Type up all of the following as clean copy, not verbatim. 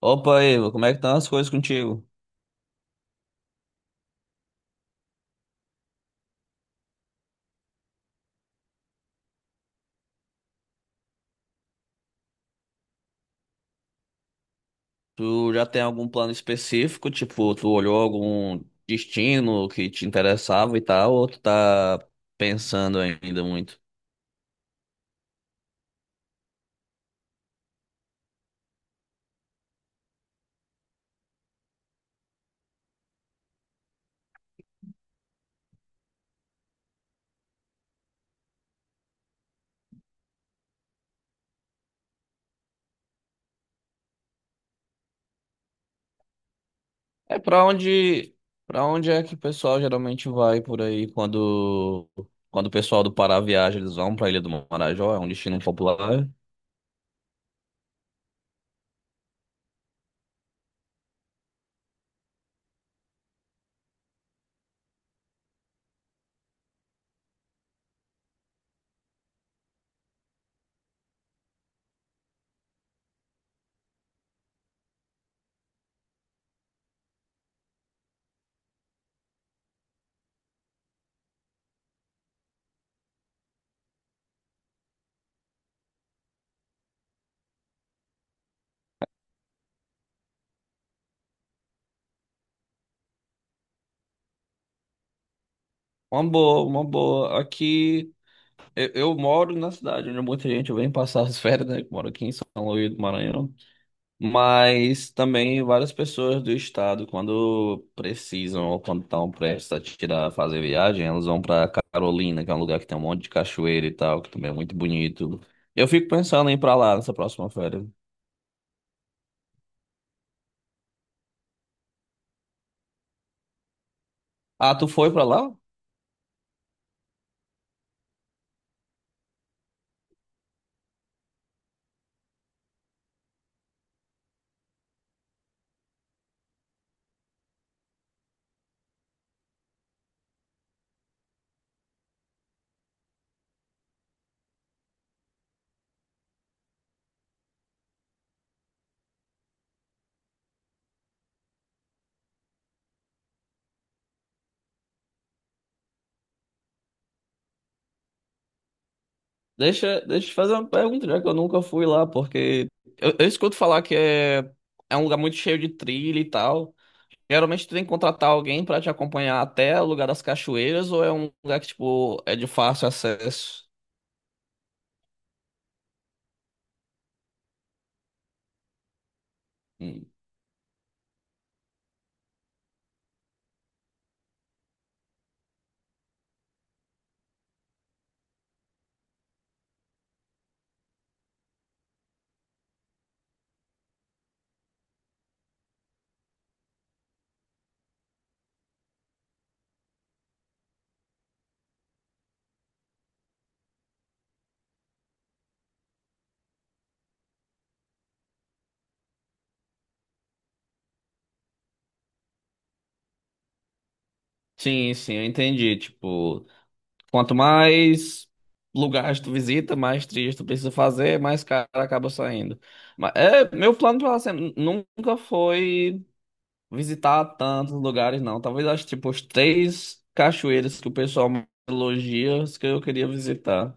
Opa, Ivo, como é que estão as coisas contigo? Tu já tem algum plano específico? Tipo, tu olhou algum destino que te interessava e tal, ou tu tá pensando ainda muito? É pra onde, para onde é que o pessoal geralmente vai por aí quando o pessoal do Pará viaja, eles vão pra Ilha do Marajó, é um destino popular. Uma boa, uma boa. Aqui eu moro na cidade onde muita gente vem passar as férias, né? Que moro aqui em São Luís do Maranhão. Mas também várias pessoas do estado, quando precisam ou quando estão prestes a tirar, fazer viagem, elas vão para Carolina, que é um lugar que tem um monte de cachoeira e tal, que também é muito bonito. Eu fico pensando em ir para lá nessa próxima férias. Ah, tu foi para lá? Deixa, deixa eu te fazer uma pergunta, já que eu nunca fui lá, porque eu escuto falar que é, é um lugar muito cheio de trilha e tal. Geralmente tu tem que contratar alguém para te acompanhar até o lugar das cachoeiras, ou é um lugar que, tipo, é de fácil acesso? Sim, sim, eu entendi. Tipo, quanto mais lugares tu visita, mais trilhas tu precisa fazer, mais caro acaba saindo. Mas é, meu plano pra sempre nunca foi visitar tantos lugares, não. Talvez acho tipo os três cachoeiras que o pessoal mais elogia, as que eu queria visitar.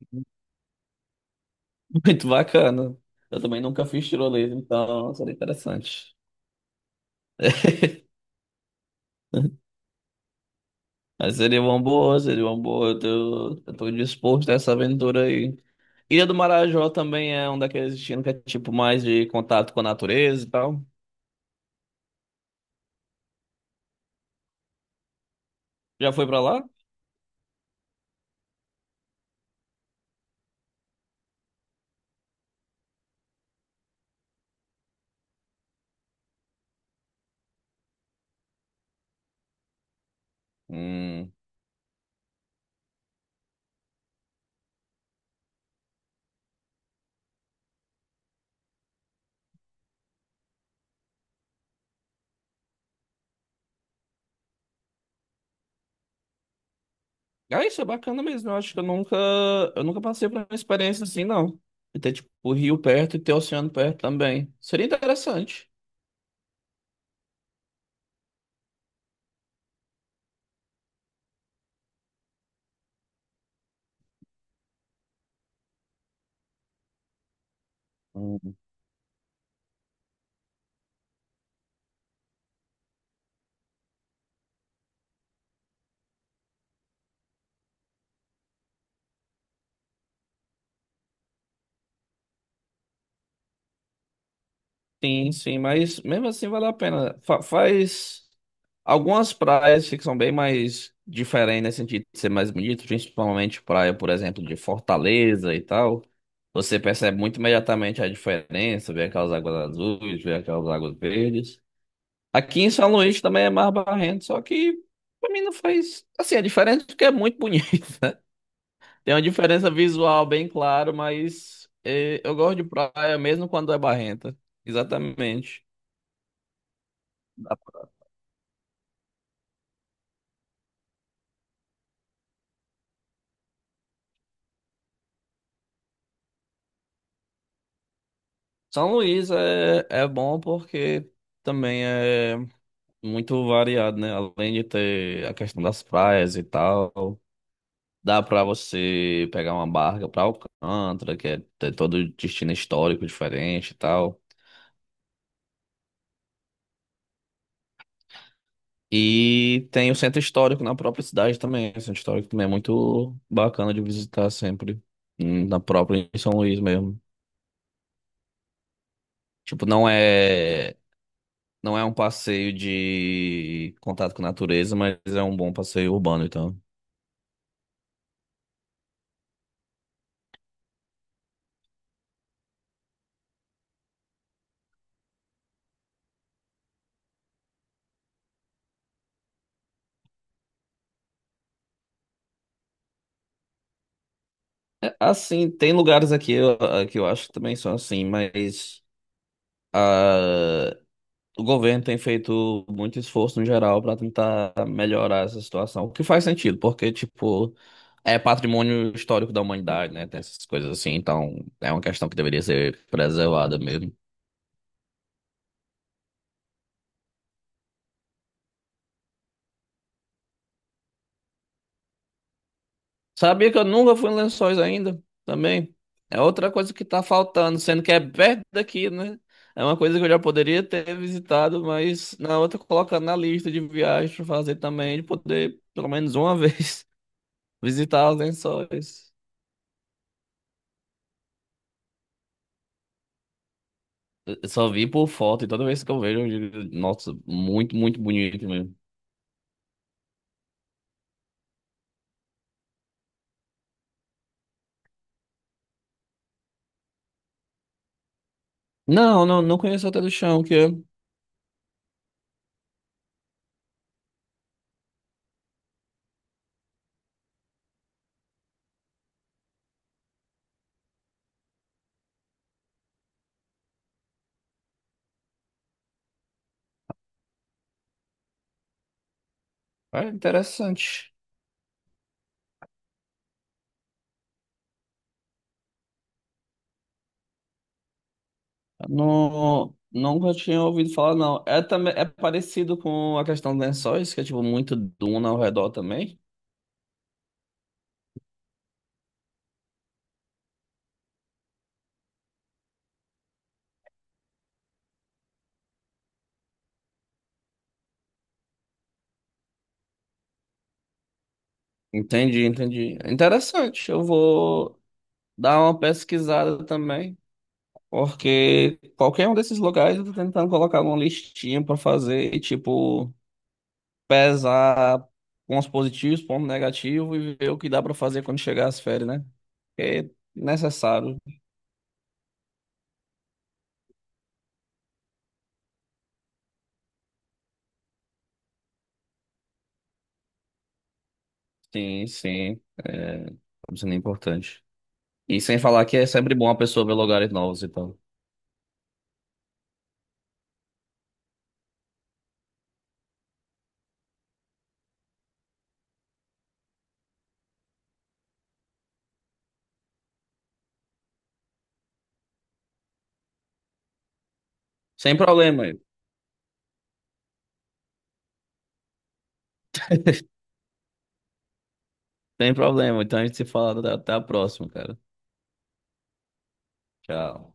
Muito bacana. Eu também nunca fiz tirolesa, então seria interessante. Mas seria uma boa, seria uma boa. Eu tô disposto a essa aventura aí. Ilha do Marajó também é um daqueles destinos que é tipo mais de contato com a natureza e tal. Já foi pra lá? Hum. Ah, isso é bacana mesmo. Eu acho que eu nunca passei por uma experiência assim, não. E ter tipo o rio perto e ter o oceano perto também. Seria interessante. Hum. Sim, sim, mas mesmo assim vale a pena. Fa- faz. Algumas praias que são bem mais diferentes nesse sentido de ser mais bonito, principalmente praia, por exemplo, de Fortaleza e tal. Você percebe muito imediatamente a diferença, vê aquelas águas azuis, vê aquelas águas verdes. Aqui em São Luís também é mais barrento, só que pra mim não faz. Assim, a diferença é porque é muito bonita. Tem uma diferença visual bem clara, mas eu gosto de praia mesmo quando é barrenta. Exatamente. São Luís é, é bom porque também é. Muito variado, né? Além de ter a questão das praias e tal, dá pra você pegar uma barca pra Alcântara, que é tem todo o destino histórico diferente e tal. E tem o centro histórico na própria cidade também. O centro histórico também é muito bacana de visitar sempre, na própria em São Luís mesmo. Tipo, não é um passeio de contato com a natureza, mas é um bom passeio urbano, então. É, assim, tem lugares aqui eu- ah, que eu acho que também são assim, mas ah, o governo tem feito muito esforço no geral para tentar melhorar essa situação, o que faz sentido, porque, tipo, é patrimônio histórico da humanidade, né? Tem essas coisas assim, então é uma questão que deveria ser preservada mesmo. Sabia que eu nunca fui em Lençóis ainda, também. É outra coisa que tá faltando, sendo que é perto daqui, né? É uma coisa que eu já poderia ter visitado, mas na outra colocando na lista de viagens pra fazer também, de poder, pelo menos uma vez, visitar os Lençóis. Eu só vi por foto e toda vez que eu vejo, eu digo, nossa, muito, muito bonito mesmo. Não, não, não conheço até do chão, que é é interessante. Não, nunca tinha ouvido falar, não. É também é parecido com a questão dos lençóis, que é tipo muito duna ao redor também. Entendi, entendi. Interessante. Eu vou dar uma pesquisada também, porque qualquer um desses lugares eu tô tentando colocar uma listinha pra fazer e tipo pesar pontos positivos, pontos negativos e ver o que dá pra fazer quando chegar as férias, né? É necessário. Sim, sim. É, isso é importante. E sem falar que é sempre bom a pessoa ver lugares novos e tal. Sem problema, sem problema. Então a gente se fala até a próxima, cara. Tchau.